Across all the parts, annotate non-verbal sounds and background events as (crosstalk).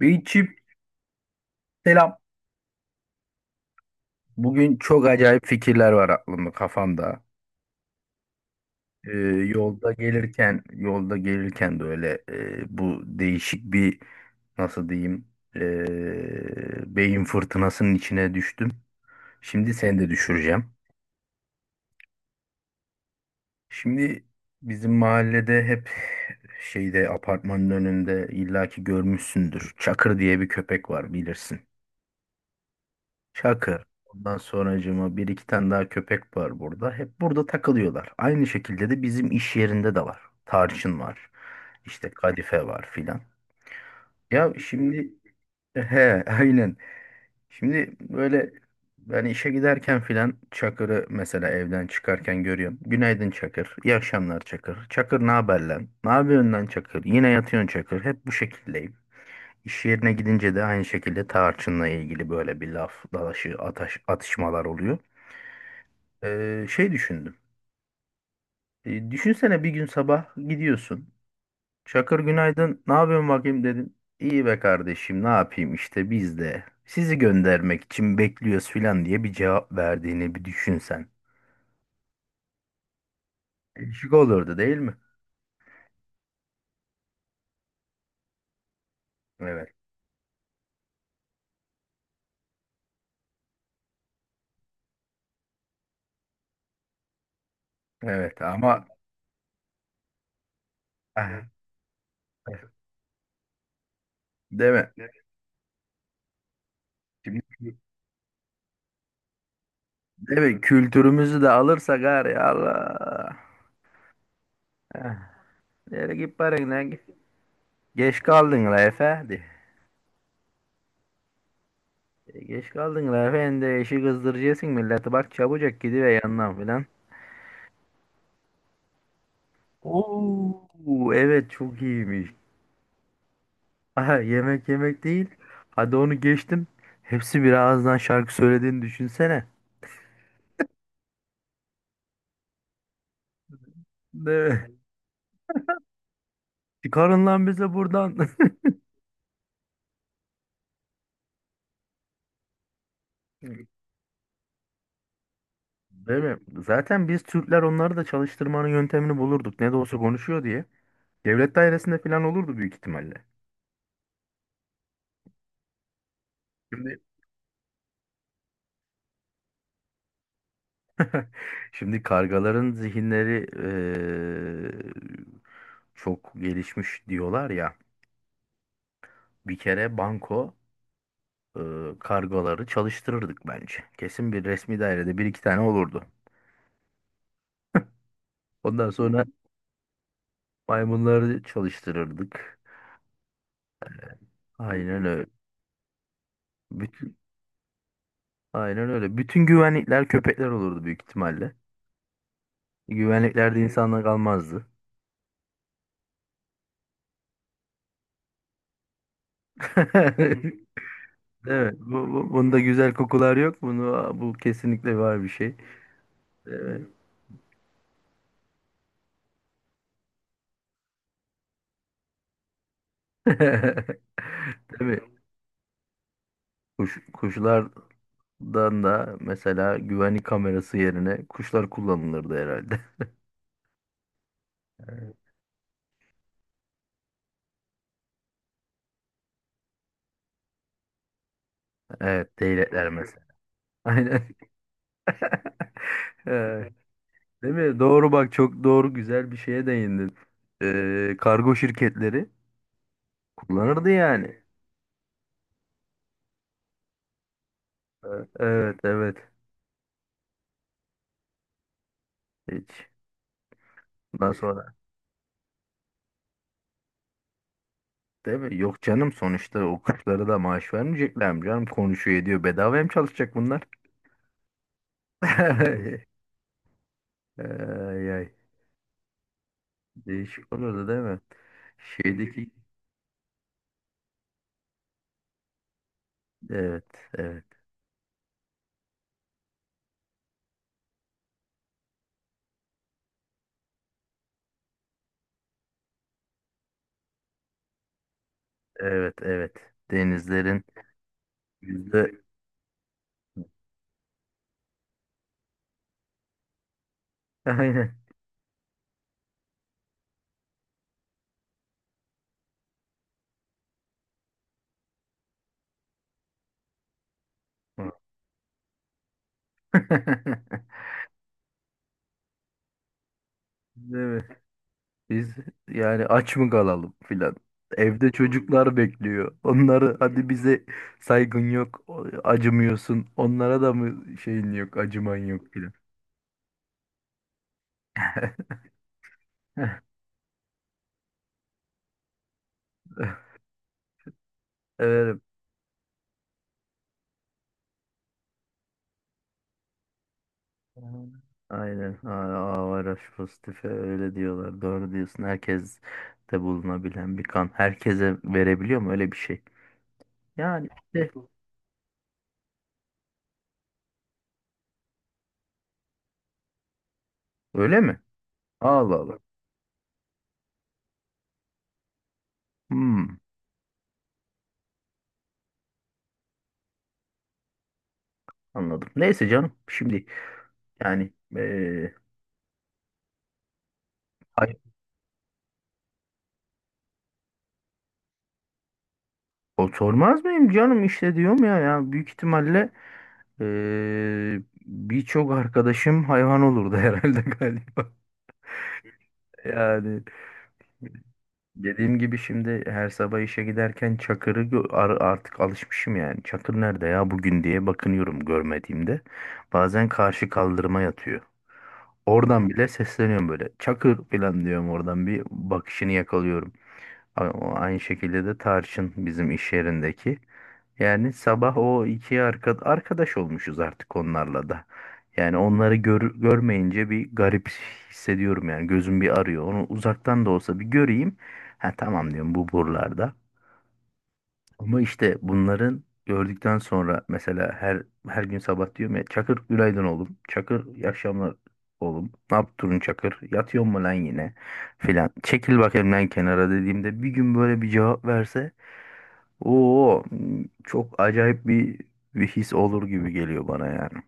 Beyçim selam. Bugün çok acayip fikirler var aklımda kafamda. Ee, yolda gelirken de öyle bu değişik bir nasıl diyeyim beyin fırtınasının içine düştüm. Şimdi seni de düşüreceğim. Şimdi bizim mahallede hep şeyde apartmanın önünde illaki görmüşsündür. Çakır diye bir köpek var bilirsin. Çakır. Ondan sonracığıma bir iki tane daha köpek var burada. Hep burada takılıyorlar. Aynı şekilde de bizim iş yerinde de var. Tarçın var. İşte kadife var filan. Ya şimdi he, (laughs) aynen. Şimdi böyle ben işe giderken filan Çakır'ı mesela evden çıkarken görüyorum. Günaydın Çakır. İyi akşamlar Çakır. Çakır ne haber lan? Ne yapıyorsun lan Çakır? Yine yatıyorsun Çakır. Hep bu şekildeyim. İş yerine gidince de aynı şekilde tarçınla ilgili böyle bir laf dalaşı atışmalar oluyor. Şey düşündüm. Düşünsene bir gün sabah gidiyorsun. Çakır günaydın. Ne yapıyorsun bakayım dedin. İyi be kardeşim ne yapayım işte biz de sizi göndermek için bekliyoruz filan diye bir cevap verdiğini bir düşünsen. Değişik olurdu değil mi? Evet. Evet ama ah, değil mi? Şimdi değil mi? Kültürümüzü de alırsak gari Allah. Eh, Nereye git paran lan? Geç kaldın la efendi. Geç kaldın la efendi. İşi kızdıracaksın milleti. Bak çabucak gidiver yanından filan. Oo evet çok iyiymiş. Aha, yemek yemek değil. Hadi onu geçtim. Hepsi bir ağızdan şarkı söylediğini düşünsene. Değil mi? Çıkarın lan bizi buradan. (laughs) Değil mi? Zaten biz Türkler onları da çalıştırmanın yöntemini bulurduk. Ne de olsa konuşuyor diye. Devlet dairesinde falan olurdu büyük ihtimalle. Şimdi kargaların zihinleri çok gelişmiş diyorlar ya. Bir kere banko e, kargaları çalıştırırdık bence. Kesin bir resmi dairede bir iki tane olurdu. Ondan sonra hı. Maymunları çalıştırırdık. Aynen öyle. Bütün, aynen öyle. Bütün güvenlikler köpekler olurdu büyük ihtimalle. Güvenlikler de insanla kalmazdı. (laughs) Evet. Bunda güzel kokular yok. Bu kesinlikle var bir şey. Evet. (laughs) Tabii kuşlardan da mesela güvenlik kamerası yerine kuşlar kullanılırdı herhalde. (laughs) Evet, değnekler mesela. Aynen. (laughs) Ee, değil mi? Doğru bak çok doğru güzel bir şeye değindin. Kargo şirketleri kullanırdı yani. Evet evet, evet. Hiç. Bundan sonra değil mi? Yok canım sonuçta o kuşlara da maaş vermeyecekler mi canım? Konuşuyor ediyor. Bedava mı çalışacak bunlar? (laughs) Ay, ay. Değişik olurdu değil mi? Şeydeki evet evet, evet evet denizlerin yüzde aynen (laughs) değil mi? Biz yani aç mı kalalım filan. Evde çocuklar bekliyor. Onları hadi bize saygın yok, acımıyorsun. Onlara da mı şeyin yok, acıman yok filan. (laughs) Evet. Hı. Aynen. A, Avaraş pozitife öyle diyorlar. Doğru diyorsun. Herkes de bulunabilen bir kan. Herkese verebiliyor mu öyle bir şey? Yani işte öyle mi? Allah Allah. Hmm, anladım. Neyse canım. Şimdi yani hayır, o sormaz mıyım canım işte diyorum ya ya büyük ihtimalle birçok arkadaşım hayvan olurdu (laughs) herhalde galiba. Yani dediğim gibi şimdi her sabah işe giderken artık alışmışım yani. Çakır nerede ya bugün diye bakınıyorum görmediğimde. Bazen karşı kaldırıma yatıyor. Oradan bile sesleniyorum böyle. Çakır falan diyorum oradan bir bakışını yakalıyorum. A- o Aynı şekilde de Tarçın bizim iş yerindeki. Yani sabah o arkadaş olmuşuz artık onlarla da. Yani onları görmeyince bir garip hissediyorum yani gözüm bir arıyor. Onu uzaktan da olsa bir göreyim. Ha tamam diyorum bu buralarda. Ama işte bunların gördükten sonra mesela her gün sabah diyorum ya Çakır günaydın oğlum. Çakır iyi akşamlar oğlum. Ne yaptın Çakır? Yatıyor mu lan yine? Filan. Çekil bak elimden kenara dediğimde bir gün böyle bir cevap verse o çok acayip bir his olur gibi geliyor bana yani.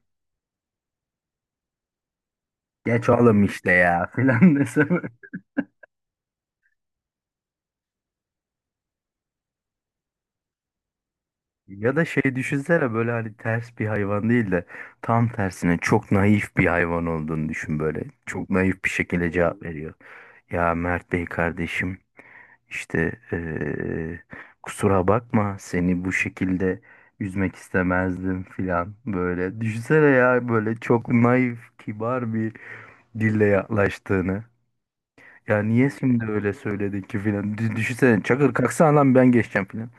Geç oğlum işte ya filan desem. (laughs) Ya da şey düşünsene böyle hani ters bir hayvan değil de tam tersine çok naif bir hayvan olduğunu düşün böyle. Çok naif bir şekilde cevap veriyor. Ya Mert Bey kardeşim işte kusura bakma seni bu şekilde üzmek istemezdim filan böyle. Düşünsene ya böyle çok naif kibar bir dille yaklaştığını. Ya niye şimdi öyle söyledin ki filan. Düşünsene çakır kalksana lan ben geçeceğim filan.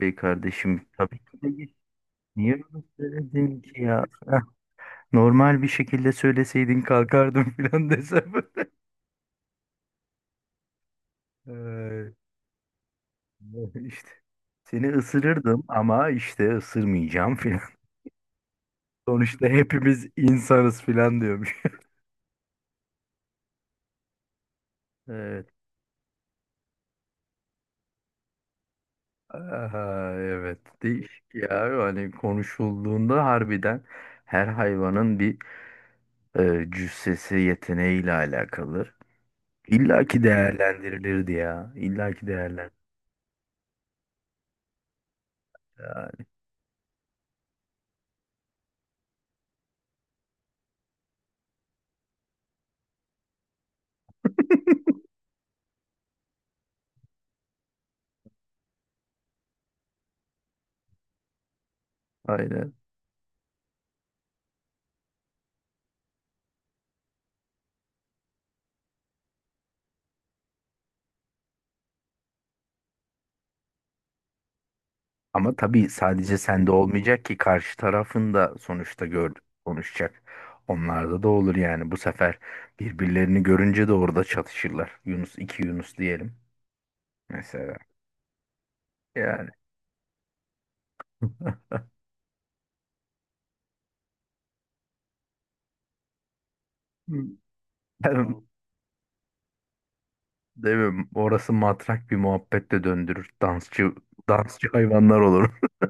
Bey kardeşim tabii ki de niye bunu söyledin ki ya? (laughs) Normal bir şekilde söyleseydin kalkardım filan desem. (laughs) Ee, işte seni ısırırdım ama işte ısırmayacağım filan. (laughs) Sonuçta hepimiz insanız filan diyormuş. (laughs) Evet. Aha, evet. Değişik ya. Hani konuşulduğunda harbiden her hayvanın cüssesi yeteneğiyle alakalı. İlla ki değerlendirilirdi ya. İlla ki değerlendirilirdi. (laughs) Aynen. Ama tabii sadece sende olmayacak ki karşı tarafın da sonuçta konuşacak. Onlarda da olur yani bu sefer birbirlerini görünce de orada çatışırlar. Yunus iki Yunus diyelim mesela. Yani tamam. (laughs) Değil mi? Orası matrak bir muhabbetle döndürür. Dansçı hayvanlar olur. (laughs)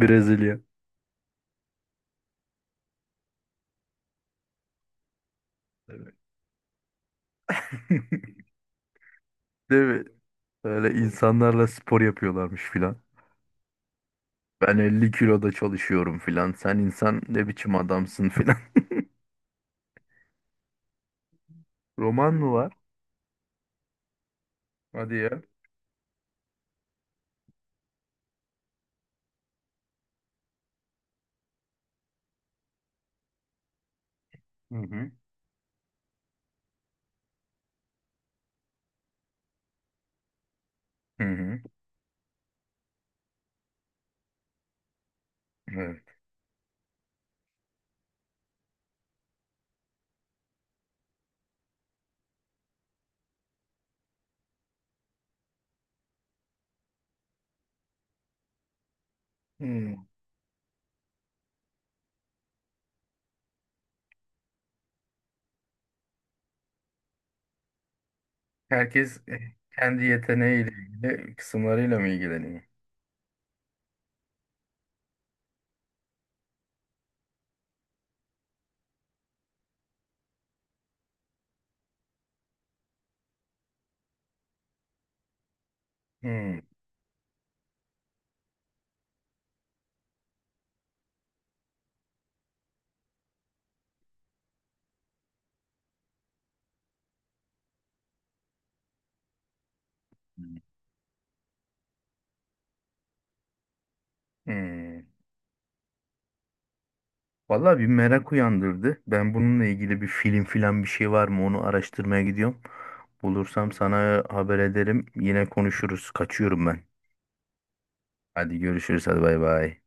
Brezilya. Evet. (laughs) Değil mi? Öyle insanlarla spor yapıyorlarmış filan. Ben 50 kiloda çalışıyorum filan. Sen insan ne biçim adamsın filan. (laughs) Roman mı var? Hadi ya. Hı hı. Hı hı. Evet. Hmm. Herkes kendi yeteneğiyle ilgili kısımlarıyla mı ilgileniyor? Hmm. Hmm. Vallahi bir merak uyandırdı. Ben bununla ilgili bir film filan bir şey var mı onu araştırmaya gidiyorum. Bulursam sana haber ederim. Yine konuşuruz. Kaçıyorum ben. Hadi görüşürüz. Hadi bay bay.